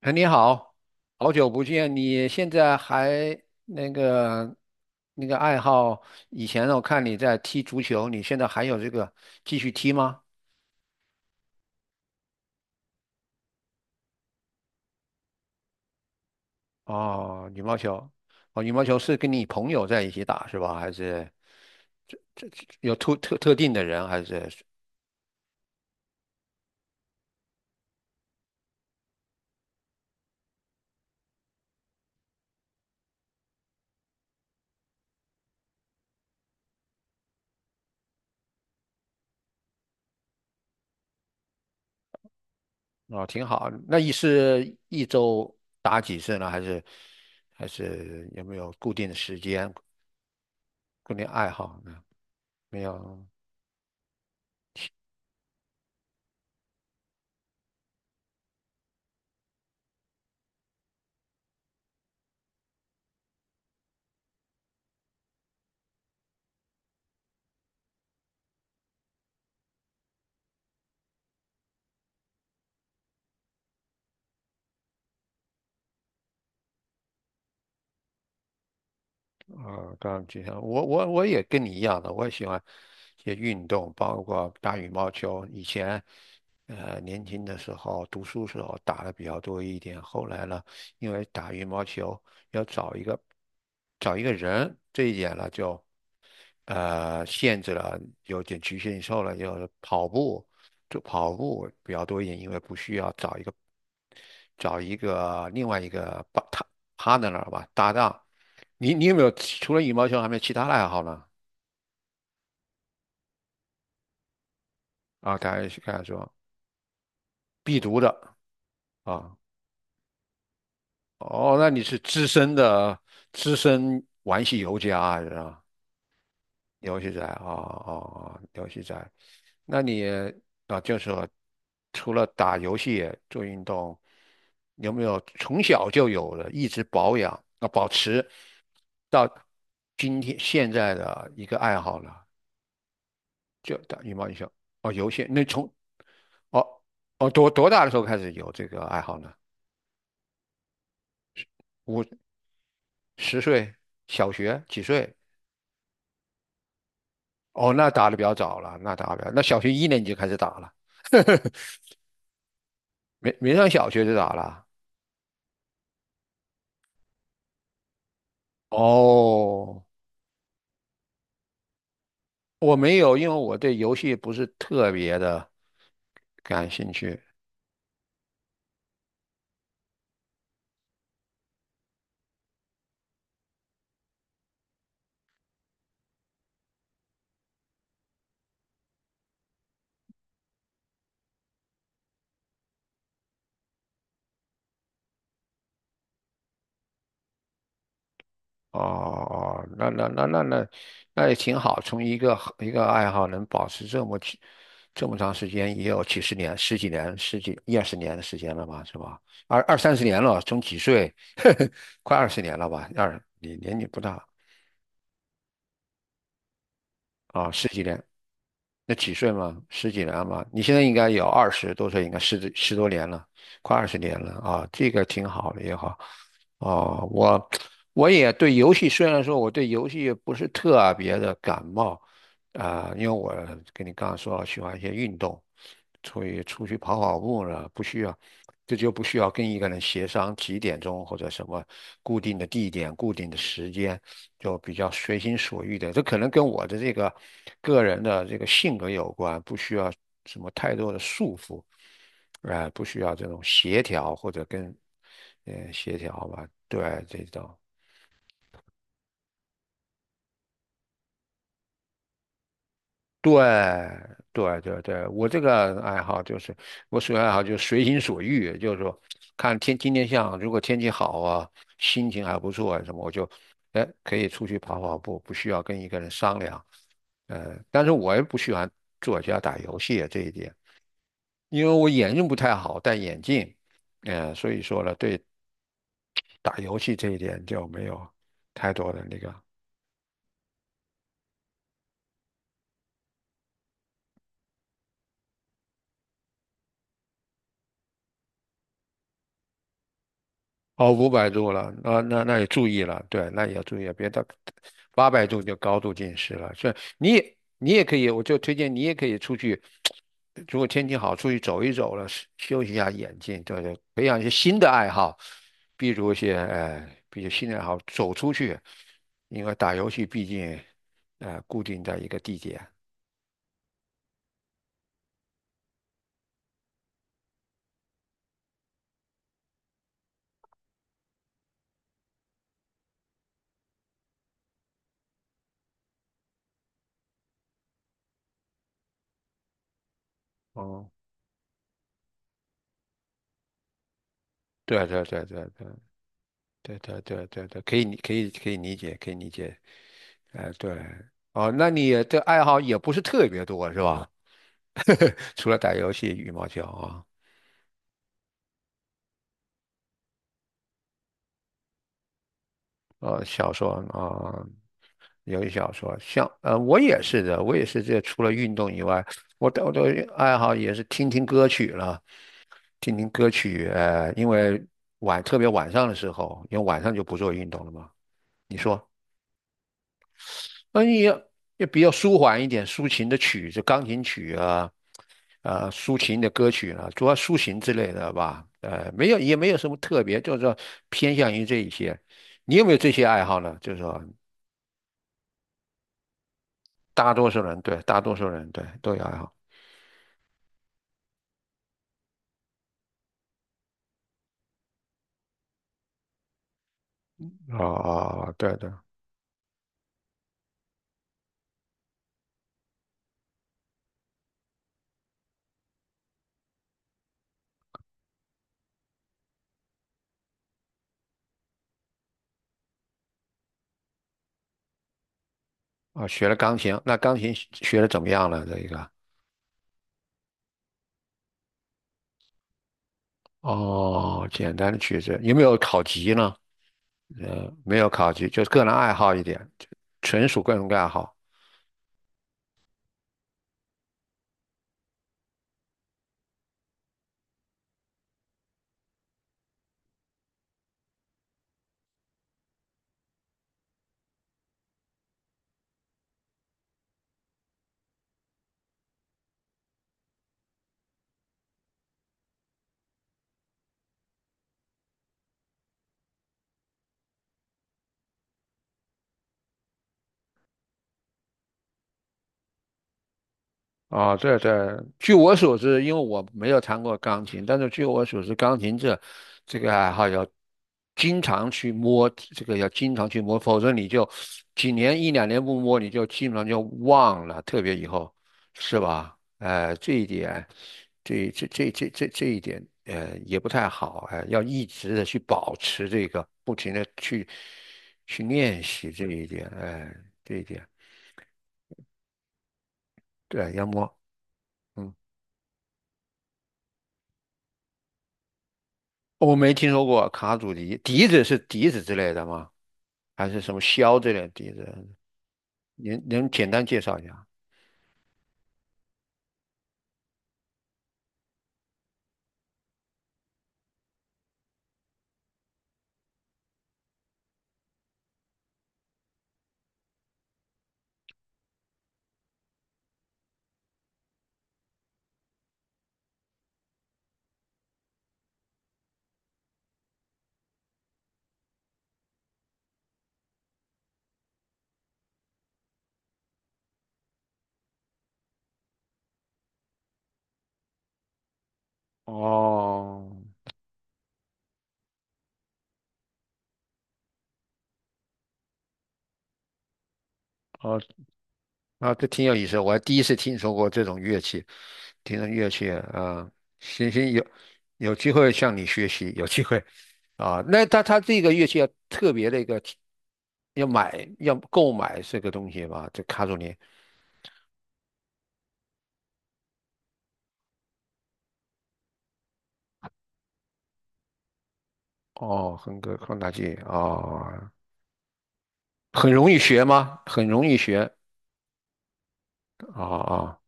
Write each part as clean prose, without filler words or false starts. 哎，你好，好久不见，你现在还那个那个爱好？以前我看你在踢足球，你现在还有这个继续踢吗？哦，羽毛球，哦，羽毛球是跟你朋友在一起打是吧？还是这有特定的人？还是。哦，挺好。那你是一周打几次呢？还是有没有固定的时间、固定爱好呢？没有。啊，刚然吉祥我也跟你一样的，我也喜欢一些运动，包括打羽毛球。以前，年轻的时候读书时候打的比较多一点，后来呢，因为打羽毛球要找一个人，这一点呢就限制了，有点局限性了。就是跑步，就跑步比较多一点，因为不需要找一个另外一个 partner 吧搭档。你有没有除了羽毛球，还没有其他的爱好呢？啊，大家刚才说必读的啊，哦，那你是资深玩戏游家啊是吧？游戏宅啊啊啊，游戏宅，那你啊，就是说除了打游戏做运动，有没有从小就有的一直保养啊保持到今天现在的一个爱好呢？就打羽毛球。哦，游戏，那从哦多大的时候开始有这个爱好呢？50岁，小学几岁？哦，那打的比较早了，那打的比较，那小学一年级就开始打了，没上小学就打了。哦，我没有，因为我对游戏不是特别的感兴趣。哦哦，那也挺好，从一个一个爱好能保持这么久这么长时间，也有几十年、十几年、十几一二十年的时间了吧，是吧？二三十年了，从几岁，快二十年了吧？你年纪不大啊，十几年。那几岁嘛，十几年嘛，你现在应该有20多岁，应该十多年了，快二十年了啊，这个挺好的也好。哦，我也对游戏，虽然说我对游戏不是特别的感冒啊、因为我跟你刚刚说了，喜欢一些运动，所以出去跑跑步呢，不需要，这就不需要跟一个人协商几点钟或者什么固定的地点、固定的时间，就比较随心所欲的。这可能跟我的这个个人的这个性格有关，不需要什么太多的束缚，啊、不需要这种协调或者跟，协调吧，对，这种。对对对对，我这个爱好就是我属于爱好就是随心所欲，就是说看天今天像如果天气好啊，心情还不错啊什么，我就哎可以出去跑跑步，不需要跟一个人商量。但是我也不喜欢坐家打游戏啊这一点，因为我眼睛不太好，戴眼镜，嗯、所以说呢，对打游戏这一点就没有太多的那个。哦，500度了，那也注意了，对，那也要注意，别到800度就高度近视了。所以你也可以，我就推荐你也可以出去，如果天气好，出去走一走了，休息一下眼睛，对对，培养一些新的爱好，比如新的爱好，走出去，因为打游戏毕竟固定在一个地点。哦，对对对对对，对对对对对，可以理解，可以理解。哎，对，哦，那你的爱好也不是特别多是吧？除了打游戏、羽毛球啊，小说啊，游戏小说，像我也是的，我也是这除了运动以外，我的爱好也是听听歌曲了，听听歌曲，因为特别晚上的时候，因为晚上就不做运动了嘛。你说？那你要比较舒缓一点，抒情的曲子，钢琴曲啊，抒情的歌曲啊，主要抒情之类的吧。没有，也没有什么特别，就是说偏向于这一些。你有没有这些爱好呢？就是说，大多数人对都有爱好。哦哦，对对，哦，学了钢琴，那钢琴学的怎么样了？这一个？哦，简单的曲子，有没有考级呢？没有考级，就是个人爱好一点，纯属个人爱好。啊，对对，据我所知，因为我没有弹过钢琴，但是据我所知，钢琴这个爱好要经常去摸，这个要经常去摸，否则你就几年一两年不摸，你就基本上就忘了，特别以后，是吧？这一点，这一点，也不太好，哎、要一直的去保持这个，不停的去练习这一点，哎、这一点，对，要摸，嗯。我没听说过卡祖笛，笛子是笛子之类的吗？还是什么箫之类的笛子？您能简单介绍一下？哦，哦，啊，这挺有意思，我还第一次听说过这种乐器，听说乐器啊，行行，有机会向你学习，有机会啊。那他这个乐器要特别的一个，要购买这个东西吧，这卡祖笛。哦，横膈扩大器哦，很容易学吗？很容易学哦哦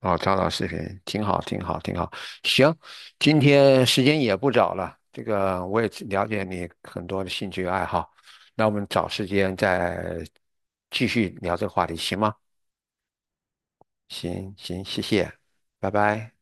哦，张老师，频，挺好，挺好，挺好。行，今天时间也不早了，这个我也了解你很多的兴趣爱好，那我们找时间再继续聊这个话题，行吗？行行，谢谢，拜拜。